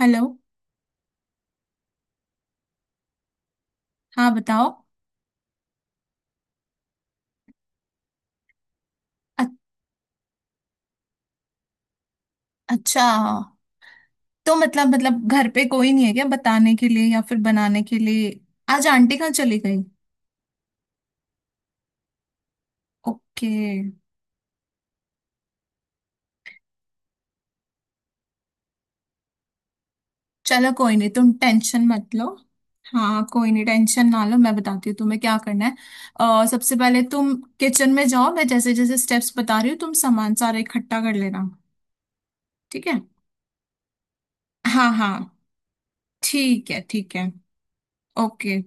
Hello. हाँ, बताओ। अ- अच्छा। तो मतलब घर पे कोई नहीं है क्या, बताने के लिए या फिर बनाने के लिए? आज आंटी कहाँ चली गई? ओके। चलो, कोई नहीं, तुम टेंशन मत लो। हाँ, कोई नहीं, टेंशन ना लो, मैं बताती हूँ तुम्हें क्या करना है। सबसे पहले तुम किचन में जाओ, मैं जैसे जैसे स्टेप्स बता रही हूँ तुम सामान सारा इकट्ठा कर लेना। ठीक है। हाँ, हाँ। ठीक है। ठीक है। ओके।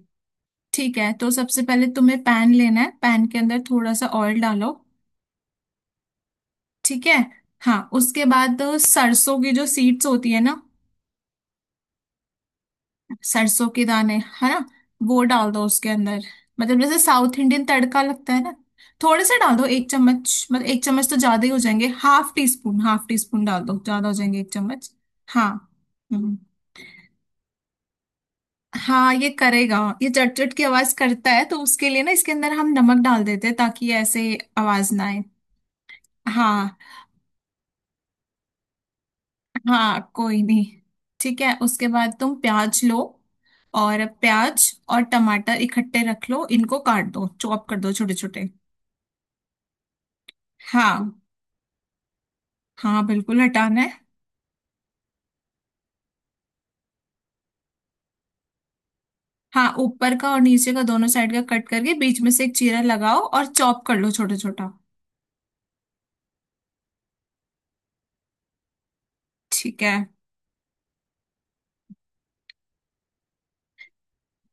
ठीक है, तो सबसे पहले तुम्हें पैन लेना है, पैन के अंदर थोड़ा सा ऑयल डालो। ठीक है। हाँ, उसके बाद सरसों की जो सीड्स होती है ना, सरसों के दाने है ना, वो डाल दो उसके अंदर। मतलब जैसे साउथ इंडियन तड़का लगता है ना। थोड़े से डाल दो। एक चम्मच मतलब, एक चम्मच तो ज्यादा ही हो जाएंगे। Half teaspoon, half teaspoon डाल दो, ज्यादा हो जाएंगे एक चम्मच। हाँ। हम्म। हाँ, ये करेगा, ये चटचट की आवाज करता है, तो उसके लिए ना इसके अंदर हम नमक डाल देते हैं, ताकि ये ऐसे आवाज ना आए। हाँ। हाँ, कोई नहीं। ठीक है, उसके बाद तुम प्याज लो, और प्याज और टमाटर इकट्ठे रख लो, इनको काट दो, चॉप कर दो, छोटे छोटे। हाँ, हाँ, बिल्कुल हटाना है। हाँ, ऊपर का और नीचे का दोनों साइड का कट करके बीच में से एक चीरा लगाओ, और चॉप कर लो छोटा छोटा। ठीक है,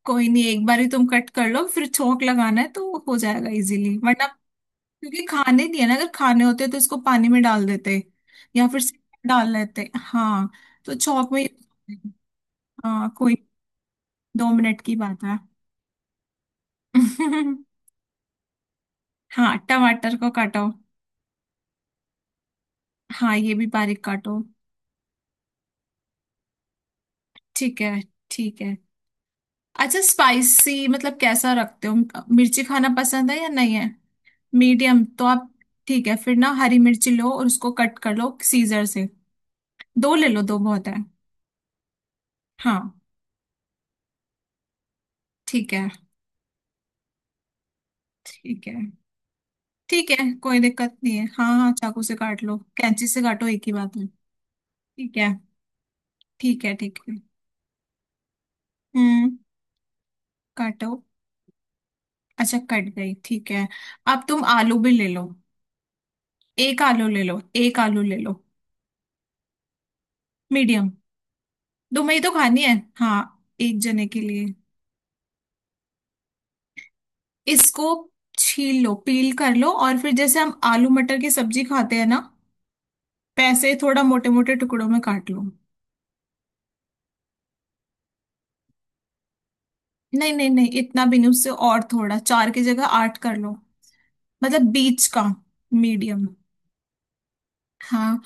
कोई नहीं, एक बार ही तुम कट कर लो, फिर छोंक लगाना है तो हो जाएगा इजीली, वरना, क्योंकि खाने नहीं है ना, अगर खाने होते तो इसको पानी में डाल देते, या फिर डाल लेते। हाँ। तो चौक में। हाँ, कोई, दो मिनट की बात है। हाँ, टमाटर को काटो। हाँ, ये भी बारीक काटो। ठीक है। ठीक है। अच्छा, स्पाइसी मतलब कैसा रखते हो? मिर्ची खाना पसंद है या नहीं है? मीडियम तो आप, ठीक है, फिर ना हरी मिर्ची लो और उसको कट कर लो सीजर से। दो ले लो, दो बहुत है। हाँ। ठीक है। ठीक है। ठीक है। कोई दिक्कत नहीं है, हाँ, हाँ, चाकू से काट लो, कैंची से काटो, एक ही बात है। ठीक है। ठीक है। ठीक है। हम्म। काटो। अच्छा, कट गई, ठीक है। अब तुम आलू भी ले लो। एक आलू ले लो, एक आलू ले लो। मीडियम। तुम्हें ही तो खानी है। हाँ, एक जने के लिए। इसको छील लो, पील कर लो, और फिर जैसे हम आलू मटर की सब्जी खाते हैं ना, वैसे ही थोड़ा मोटे मोटे टुकड़ों में काट लो। नहीं, नहीं, नहीं, इतना भी नहीं, उससे और थोड़ा, चार की जगह आठ कर लो। मतलब बीच का, मीडियम। हाँ।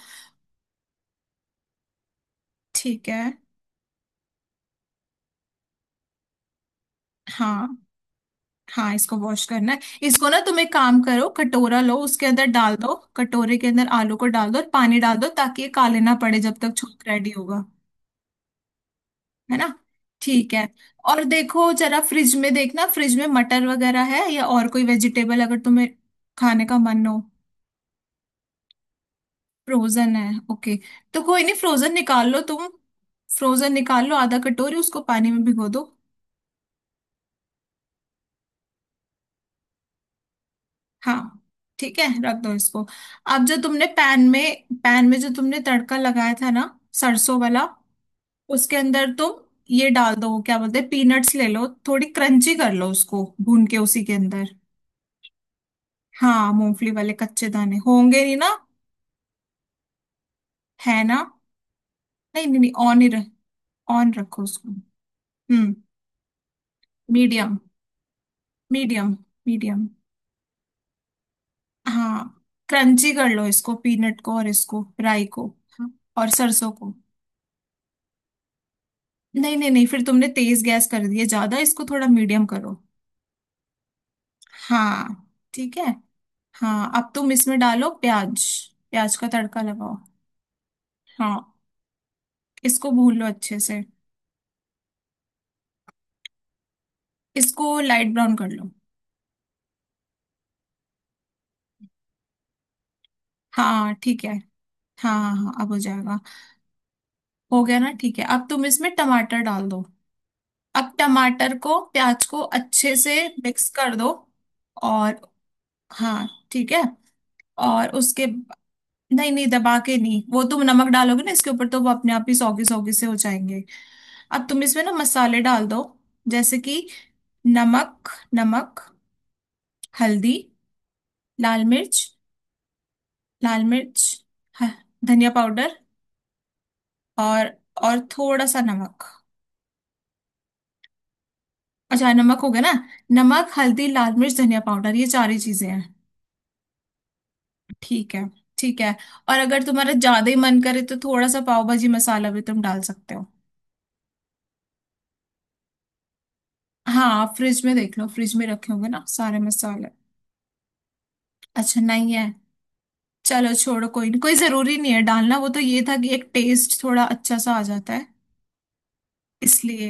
ठीक है। हाँ, हाँ, इसको वॉश करना है। इसको ना तुम एक काम करो, कटोरा लो, उसके अंदर डाल दो, कटोरे के अंदर आलू को डाल दो और पानी डाल दो, ताकि ये काले ना पड़े जब तक छोंक रेडी होगा। है ना? ठीक है। और देखो जरा, फ्रिज में देखना, फ्रिज में मटर वगैरह है या और कोई वेजिटेबल अगर तुम्हें खाने का मन हो। फ्रोजन है, ओके। तो कोई नहीं, फ्रोजन निकाल लो तुम, फ्रोजन निकाल लो आधा कटोरी, उसको पानी में भिगो दो। हाँ। ठीक है, रख दो इसको। अब जो तुमने पैन में जो तुमने तड़का लगाया था ना, सरसों वाला, उसके अंदर तुम ये डाल दो, क्या बोलते हैं, पीनट्स ले लो, थोड़ी क्रंची कर लो उसको भून के उसी के अंदर। हाँ, मूंगफली वाले कच्चे दाने होंगे नहीं ना? है ना? नहीं, नहीं, नहीं, ऑन ही रख, ऑन रखो उसको। हम्म। मीडियम। मीडियम। मीडियम। हाँ। क्रंची कर लो इसको, पीनट को और इसको, राई को। हाँ, और सरसों को। नहीं, नहीं, नहीं, फिर तुमने तेज गैस कर दिया ज्यादा, इसको थोड़ा मीडियम करो। हाँ। ठीक है। हाँ, अब तुम इसमें डालो प्याज, प्याज का तड़का लगाओ। हाँ, इसको भून लो अच्छे से। इसको लाइट ब्राउन कर लो। हाँ, ठीक है। हाँ, हाँ, हाँ, अब हो जाएगा। हो गया ना? ठीक है, अब तुम इसमें टमाटर डाल दो। अब टमाटर को प्याज को अच्छे से मिक्स कर दो, और, हाँ, ठीक है, और उसके, नहीं, नहीं, दबा के नहीं, वो तुम नमक डालोगे ना इसके ऊपर, तो वो अपने आप ही सौगी सौगी से हो जाएंगे। अब तुम इसमें ना मसाले डाल दो, जैसे कि नमक। नमक। हल्दी। लाल मिर्च। लाल मिर्च। ह- धनिया पाउडर। और और थोड़ा सा नमक। अच्छा, नमक हो गया ना? नमक, हल्दी, लाल मिर्च, धनिया पाउडर, ये चार ही चीजें हैं। ठीक है। ठीक है। और अगर तुम्हारा ज्यादा ही मन करे तो थोड़ा सा पाव भाजी मसाला भी तुम डाल सकते हो। हाँ, फ्रिज में देख लो, फ्रिज में रखे होंगे ना सारे मसाले। अच्छा, नहीं है। चलो छोड़ो, कोई नहीं, कोई जरूरी नहीं है डालना, वो तो ये था कि एक टेस्ट थोड़ा अच्छा सा आ जाता है, इसलिए।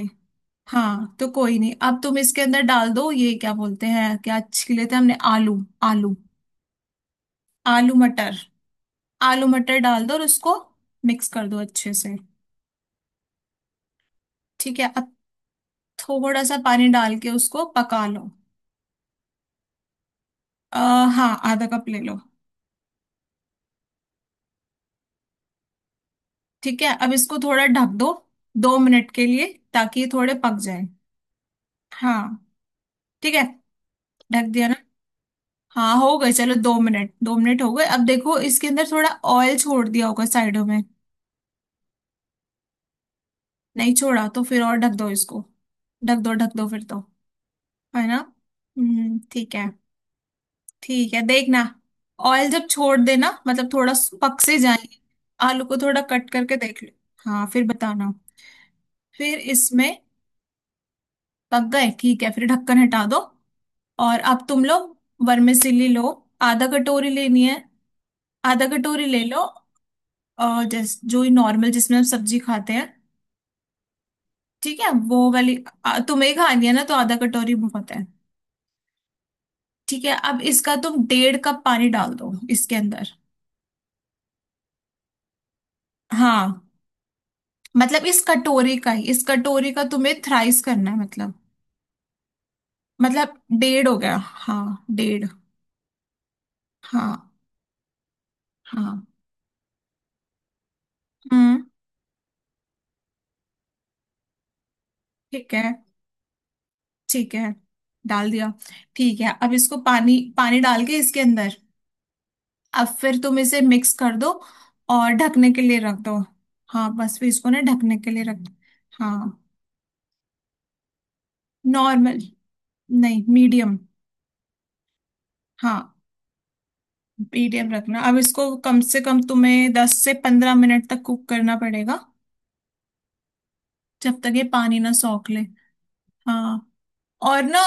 हाँ, तो कोई नहीं, अब तुम इसके अंदर डाल दो ये, क्या बोलते हैं, क्या छिले थे हमने? आलू। आलू। आलू मटर। आलू मटर डाल दो और उसको मिक्स कर दो अच्छे से। ठीक है। अब थोड़ा सा पानी डाल के उसको पका लो। आ, हाँ, आधा कप ले लो। ठीक है, अब इसको थोड़ा ढक दो, दो मिनट के लिए, ताकि ये थोड़े पक जाए। हाँ। ठीक है, ढक दिया ना? हाँ, हो गए। चलो, दो मिनट, दो मिनट हो गए, अब देखो इसके अंदर थोड़ा ऑयल छोड़ दिया होगा साइडों में। नहीं छोड़ा? तो फिर और ढक दो इसको, ढक दो, ढक दो फिर तो, है ना? हम्म। ठीक है। ठीक है, देखना। ऑयल जब छोड़ देना मतलब थोड़ा पक से जाएंगे, आलू को थोड़ा कट करके देख लो। हाँ, फिर बताना। फिर इसमें, पक गए? ठीक है, फिर ढक्कन हटा दो। और अब तुम लोग वर्मिसेली लो, आधा कटोरी लेनी है, आधा कटोरी ले लो। और जैस जो नॉर्मल, जिसमें हम सब्जी खाते हैं। ठीक है, वो वाली। तुम्हें खानी है ना तो आधा कटोरी बहुत है। ठीक है, अब इसका तुम 1.5 कप पानी डाल दो इसके अंदर। हाँ, मतलब इस कटोरी का ही, इस कटोरी का तुम्हें थ्राइस करना है, मतलब, मतलब डेढ़ हो गया, हाँ, डेढ़। हाँ। हाँ। हम्म। ठीक है। ठीक है, डाल दिया। ठीक है, अब इसको पानी, पानी डाल के इसके अंदर, अब फिर तुम इसे मिक्स कर दो और ढकने के लिए रख दो। हाँ, बस फिर इसको ना ढकने के लिए रख दो। हाँ। नॉर्मल, नहीं, मीडियम। हाँ, मीडियम रखना, अब इसको कम से कम तुम्हें 10 से 15 मिनट तक कुक करना पड़ेगा, जब तक ये पानी ना सोख ले। हाँ। और ना,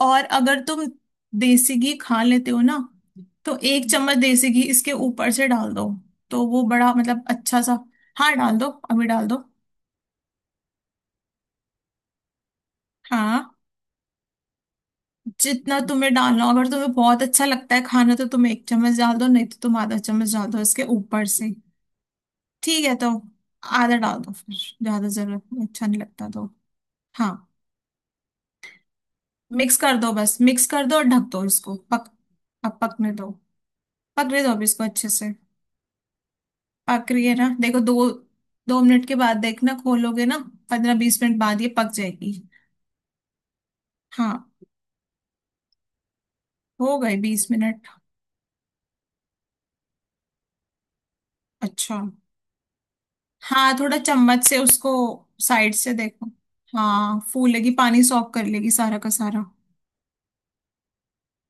और अगर तुम देसी घी खा लेते हो ना, तो एक चम्मच देसी घी इसके ऊपर से डाल दो, तो वो बड़ा मतलब अच्छा सा। हाँ, डाल दो, अभी डाल दो। हाँ, जितना तुम्हें डालना हो, अगर तुम्हें बहुत अच्छा लगता है खाना तो तुम एक चम्मच डाल दो, नहीं तो तुम आधा चम्मच डाल दो इसके ऊपर से। ठीक है, तो आधा डाल दो फिर, ज्यादा जरूरत नहीं, अच्छा नहीं लगता तो। हाँ, मिक्स कर दो, बस मिक्स कर दो और ढक दो इसको पक, अब पकने दो, पकने दो अब इसको अच्छे से। पक रही है ना? देखो, दो दो मिनट के बाद देखना, खोलोगे ना? 15 20 मिनट बाद ये पक जाएगी। हाँ, हो गए 20 मिनट? अच्छा। हाँ, थोड़ा चम्मच से उसको साइड से देखो। हाँ, फूलेगी, पानी सॉक कर लेगी सारा का सारा।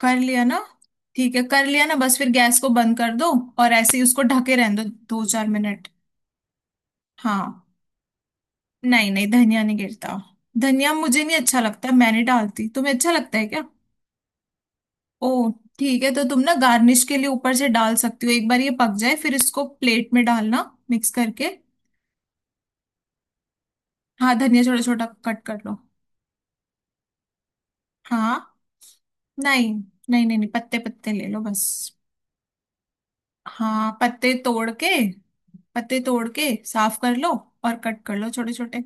कर लिया ना? ठीक है, कर लिया ना, बस फिर गैस को बंद कर दो, और ऐसे ही उसको ढके रहने दो दो चार मिनट। हाँ। नहीं, नहीं, धनिया नहीं गिरता, धनिया मुझे नहीं अच्छा लगता, मैं नहीं डालती, तुम्हें अच्छा लगता है क्या? ओ, ठीक है, तो तुम ना गार्निश के लिए ऊपर से डाल सकती हो, एक बार ये पक जाए फिर इसको प्लेट में डालना, मिक्स करके। हाँ, धनिया छोटा छोटा कट कर लो। हाँ। नहीं, नहीं, नहीं, नहीं, पत्ते पत्ते ले लो बस। हाँ, पत्ते तोड़ के, पत्ते तोड़ के साफ कर लो, और कट कर लो छोटे छोटे।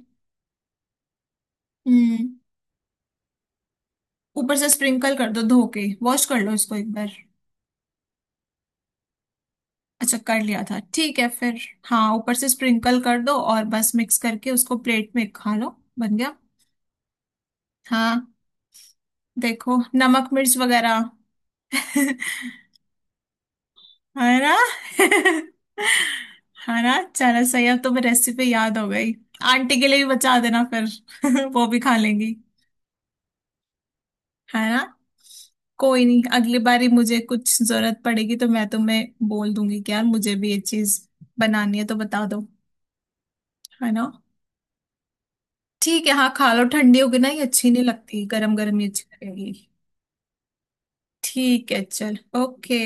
हम्म। ऊपर से स्प्रिंकल कर दो, धो के वॉश कर लो इसको एक बार। अच्छा, कर लिया था, ठीक है, फिर, हाँ, ऊपर से स्प्रिंकल कर दो और बस मिक्स करके उसको प्लेट में खा लो। बन गया। हाँ, देखो नमक मिर्च वगैरह। है ना? है ना? चलो, सही, अब तुम्हें रेसिपी याद हो गई। आंटी के लिए भी बचा देना फिर, वो भी खा लेंगी। है ना? कोई नहीं, अगली बारी मुझे कुछ जरूरत पड़ेगी तो मैं तुम्हें बोल दूंगी कि यार, मुझे भी ये चीज बनानी है तो बता दो। है ना? ठीक है, हाँ खा लो, ठंडी होगी ना, ये अच्छी नहीं लगती, गरम गरम ही अच्छी लगेगी। ठीक है, चल, ओके।